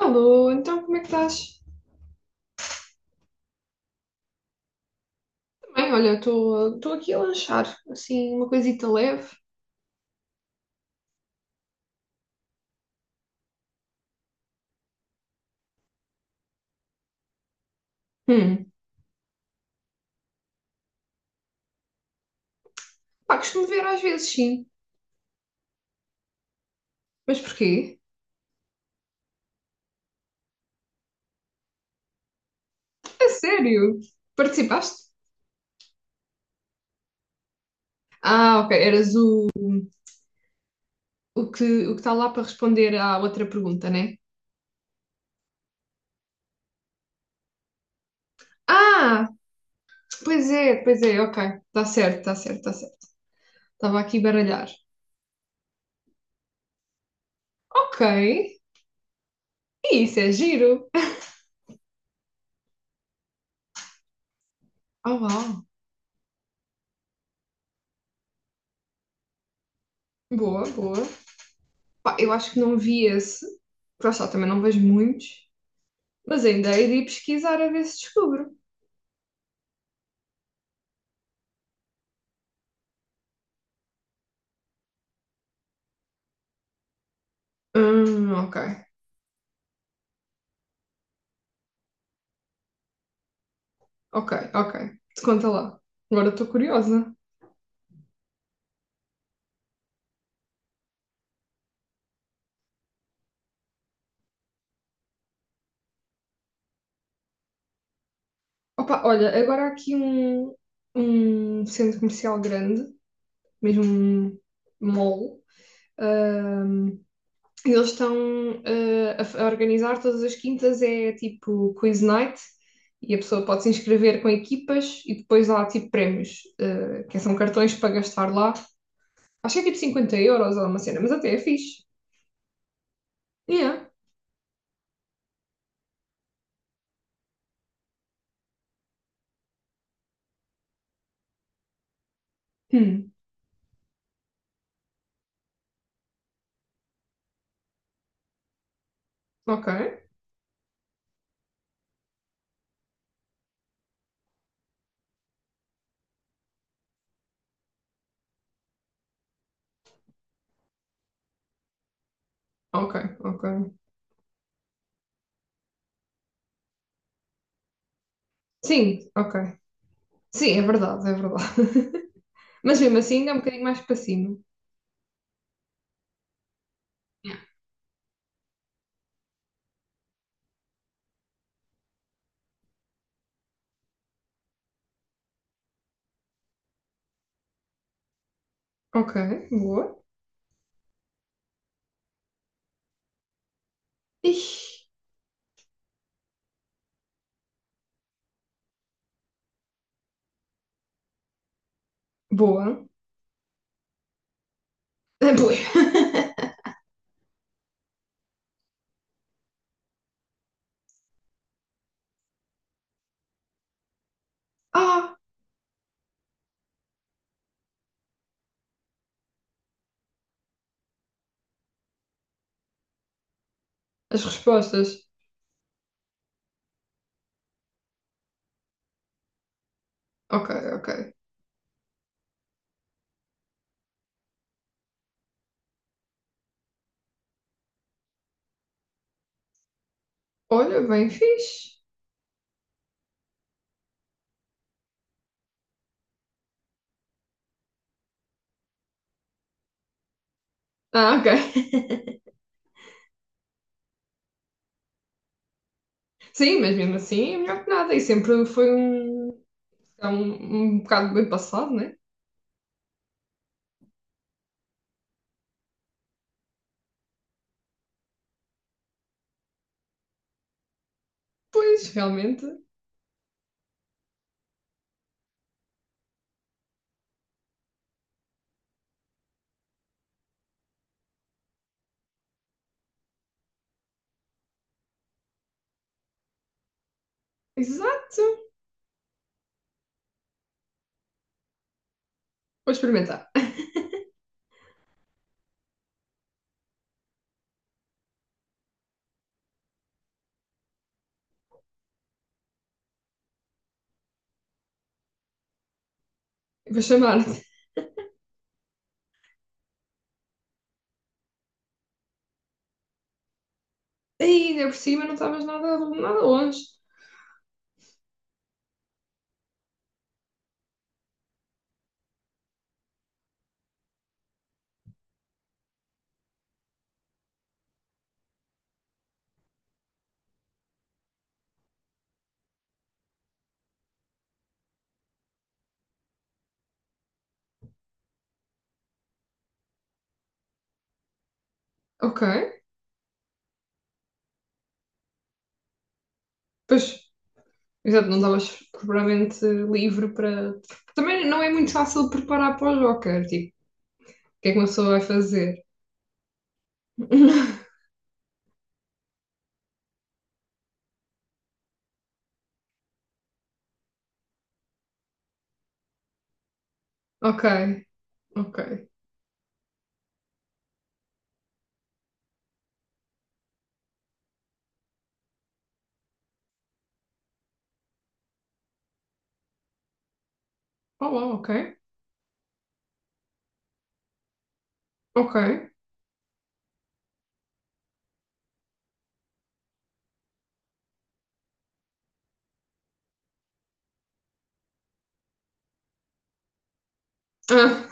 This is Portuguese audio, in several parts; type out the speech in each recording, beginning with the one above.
Alô, então como é que estás? Também, olha, estou aqui a lanchar, assim, uma coisita leve. Hum. Pá, costumo ver às vezes, sim. Mas porquê? É sério? Participaste? Ah, ok, eras o, o que o que está lá para responder à outra pergunta, né? Ah, pois é, ok. Está certo, está certo, está certo. Estava aqui a baralhar. Ok, isso é giro. Oh, uau. Boa, boa. Pá, eu acho que não vi esse. Porque lá está, também não vejo muitos. Mas ainda hei de ir pesquisar a ver se descubro. Ok, ok, ok. Te conta lá. Agora estou curiosa. Opa, olha, agora há aqui um, um centro comercial grande, mesmo um mall. Ahm, eles estão a organizar todas as quintas, é tipo quiz night, e a pessoa pode se inscrever com equipas e depois há tipo prémios, ah, que são cartões para gastar lá. Acho que é tipo 50€ ou uma cena, mas até é fixe. Yeah. Ok, ok, ok. Sim, ok. Sim, é verdade, é verdade. Mas mesmo assim é um bocadinho mais para cima. Ok, boa. Ixi, boa. É boa. Ah, as respostas. Ok, ok. Olha, bem fixe. Ah, ok. Sim, mas mesmo assim é melhor que nada. E sempre foi um, é um, um bocado bem passado, né? Pois, realmente. Exato. Vou experimentar. Vou chamar-te. Ai, ainda por cima não estavas nada, nada longe. Ok. Pois. Exato, não estavas propriamente livre para. Também não é muito fácil preparar para o Joker, tipo, o que é que uma pessoa vai fazer? Ok, ok. Olá, ok, ok. Ah,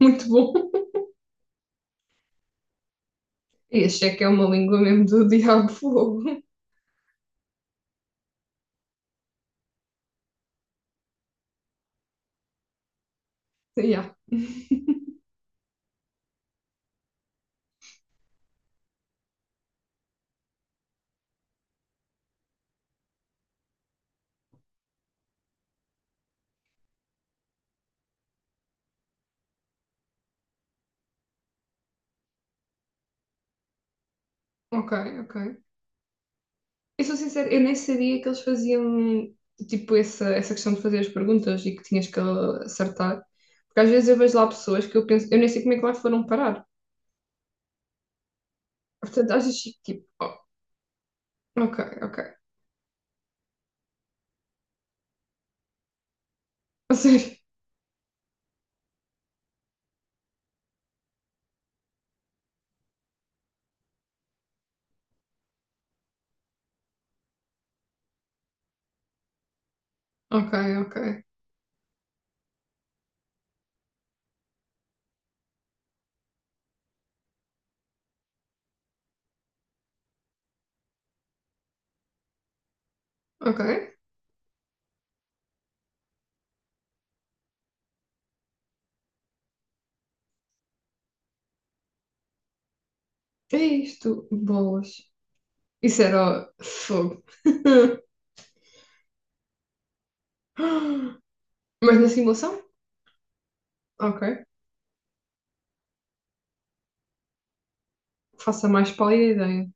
muito bom. E achei que é uma língua mesmo do diabo fogo. Yeah, ok, ok. Eu sou sincera, eu nem sabia que eles faziam, tipo, essa questão de fazer as perguntas e que tinhas que acertar. Porque às vezes eu vejo lá pessoas que eu penso, eu nem sei como é que lá foram parar. Portanto, às vezes fico tipo, oh, ok, ok. A sério. Ok, ok, ok. Que é isto? Bolas. Isso era fogo. Mas na simulação? Ok. Faça mais pálida ideia.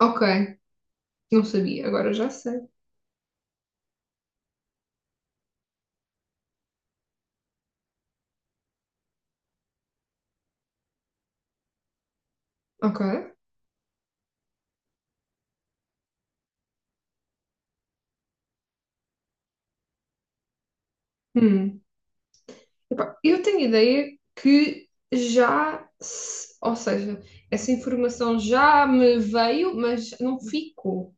Ok. Não sabia, agora já sei. Ok. Hum. Epá, eu tenho ideia que já. Se- Ou seja, essa informação já me veio, mas não ficou.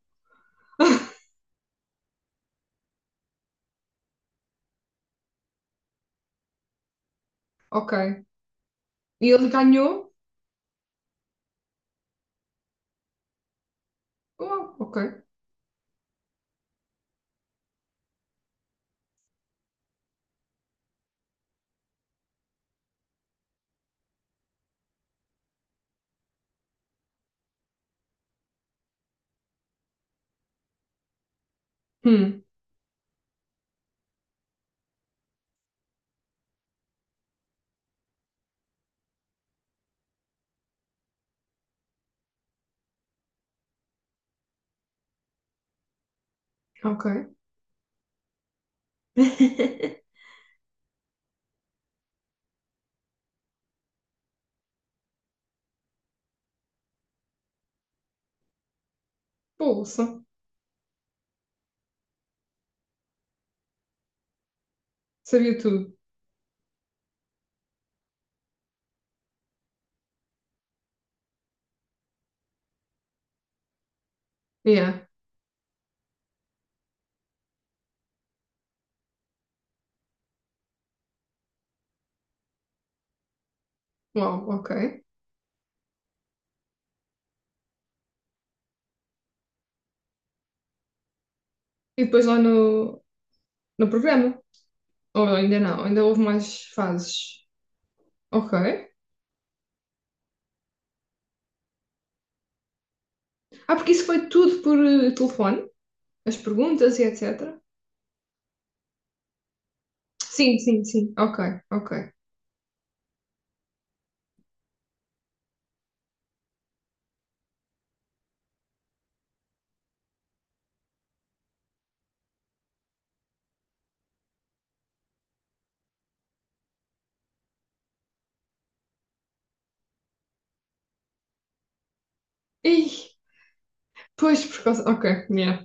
Ok. E ele ganhou? Uau, ok. Hum. Ok. Bolsa. Sabia tudo. Yeah. Uau, ok. E depois lá no, no programa. Ou ainda não, ainda houve mais fases. Ok. Ah, porque isso foi tudo por telefone, as perguntas e etc. Sim, sim, sim. Ok, ok. Ih, pois por causa. Ok, yeah.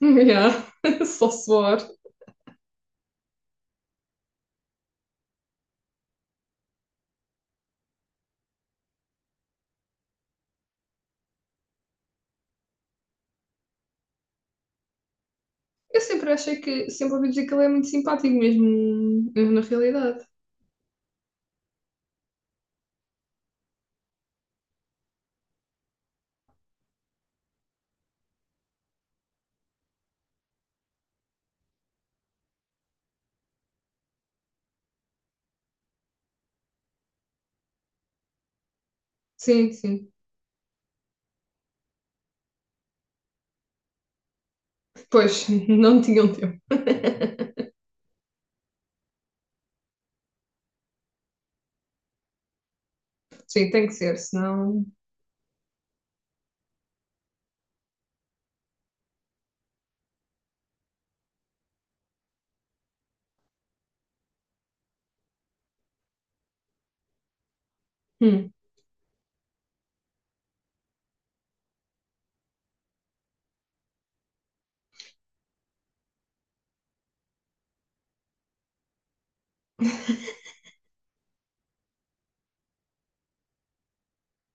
Yeah. Só suor. Eu sempre achei que, sempre ouvi dizer que ele é muito simpático, mesmo, mesmo na realidade. Sim, sim. Pois, não tinham tempo. Sim, tem que ser, senão. Hum.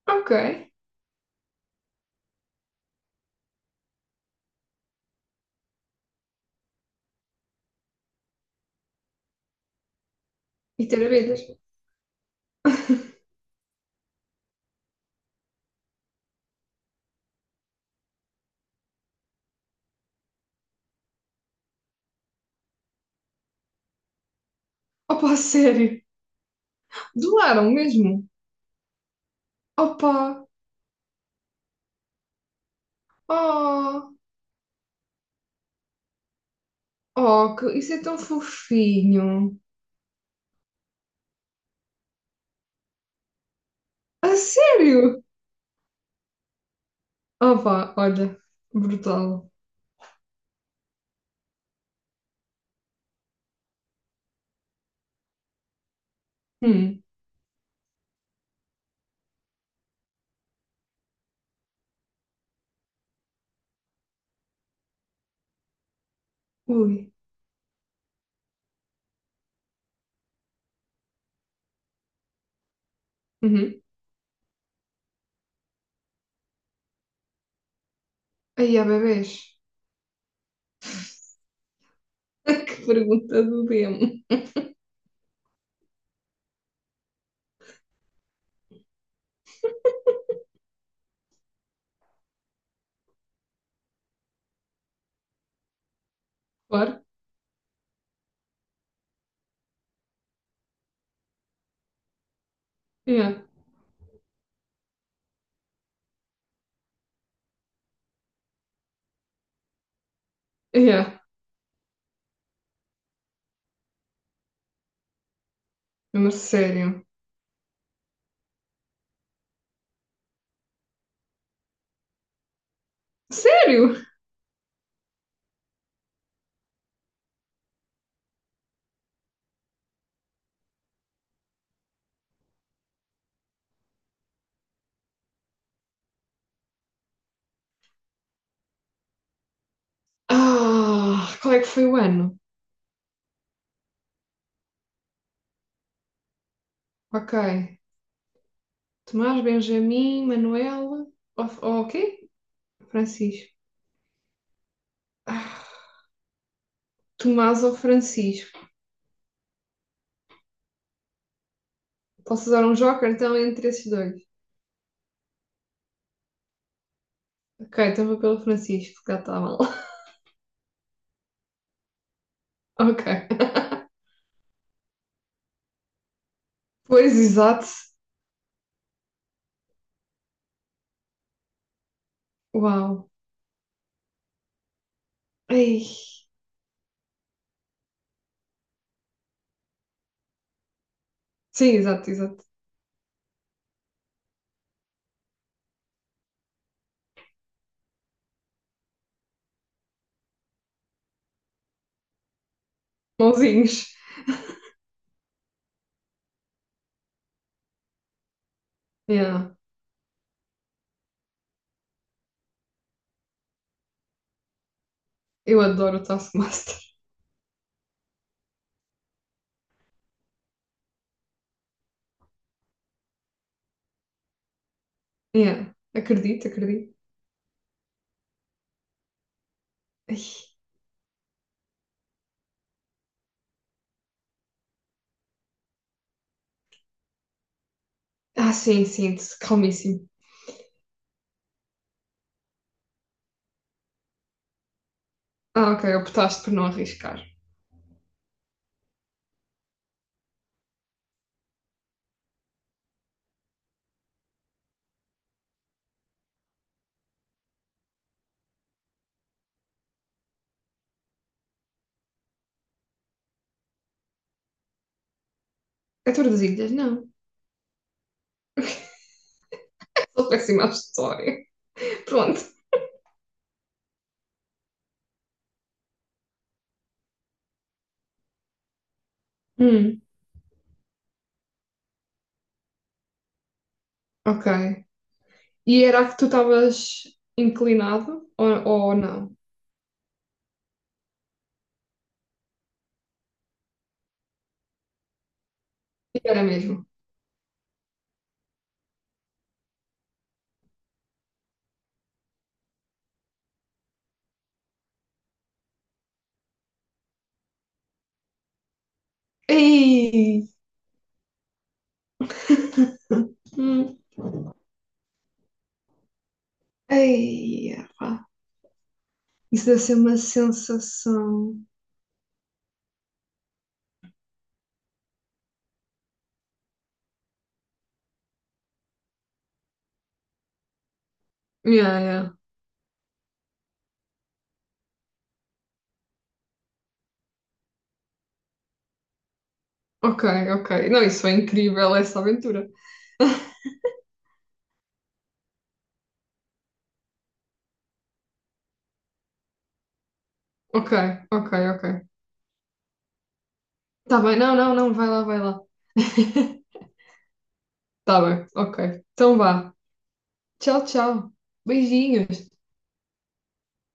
Ok. E ter a vidas. Opa, a sério. Doaram mesmo. Opa! Oh! Oh, que- isso é tão fofinho! A sério? Opa, olha, brutal. Hum, ui. Uhum. Aí há bebês. Que pergunta do demo. Claro. Yeah. Yeah. Mas sério. Sério? Ah, qual é que foi o ano? Ok. Tomás, Benjamin, Manuel. Ou o quê? Francisco. Ah, Tomás ou Francisco? Posso usar um joker então entre esses dois? Ok, então vou pelo Francisco, já está mal. Ok. Pois, exato. Uau. Ei. Sim, exato, exato. Mãozinhos. Yeah. Eu adoro o Taskmaster. Yeah. Acredito, acredito. Ai. Ah, sim, sim, calmíssimo. Ah, ok, optaste por não arriscar. É Tordesilhas? Não. Sou péssima à história. Pronto. Hum, ok. E era a que tu estavas inclinado ou não? Era mesmo. Ei, hum, ei, pá. Isso deve ser uma sensação. Yeah, yeah. Ok, ok. Não, isso foi incrível, essa aventura. Ok, ok, ok. Tá bem, não, não, não, vai lá, vai lá. Tá bem, ok. Então vá. Tchau, tchau. Beijinhos.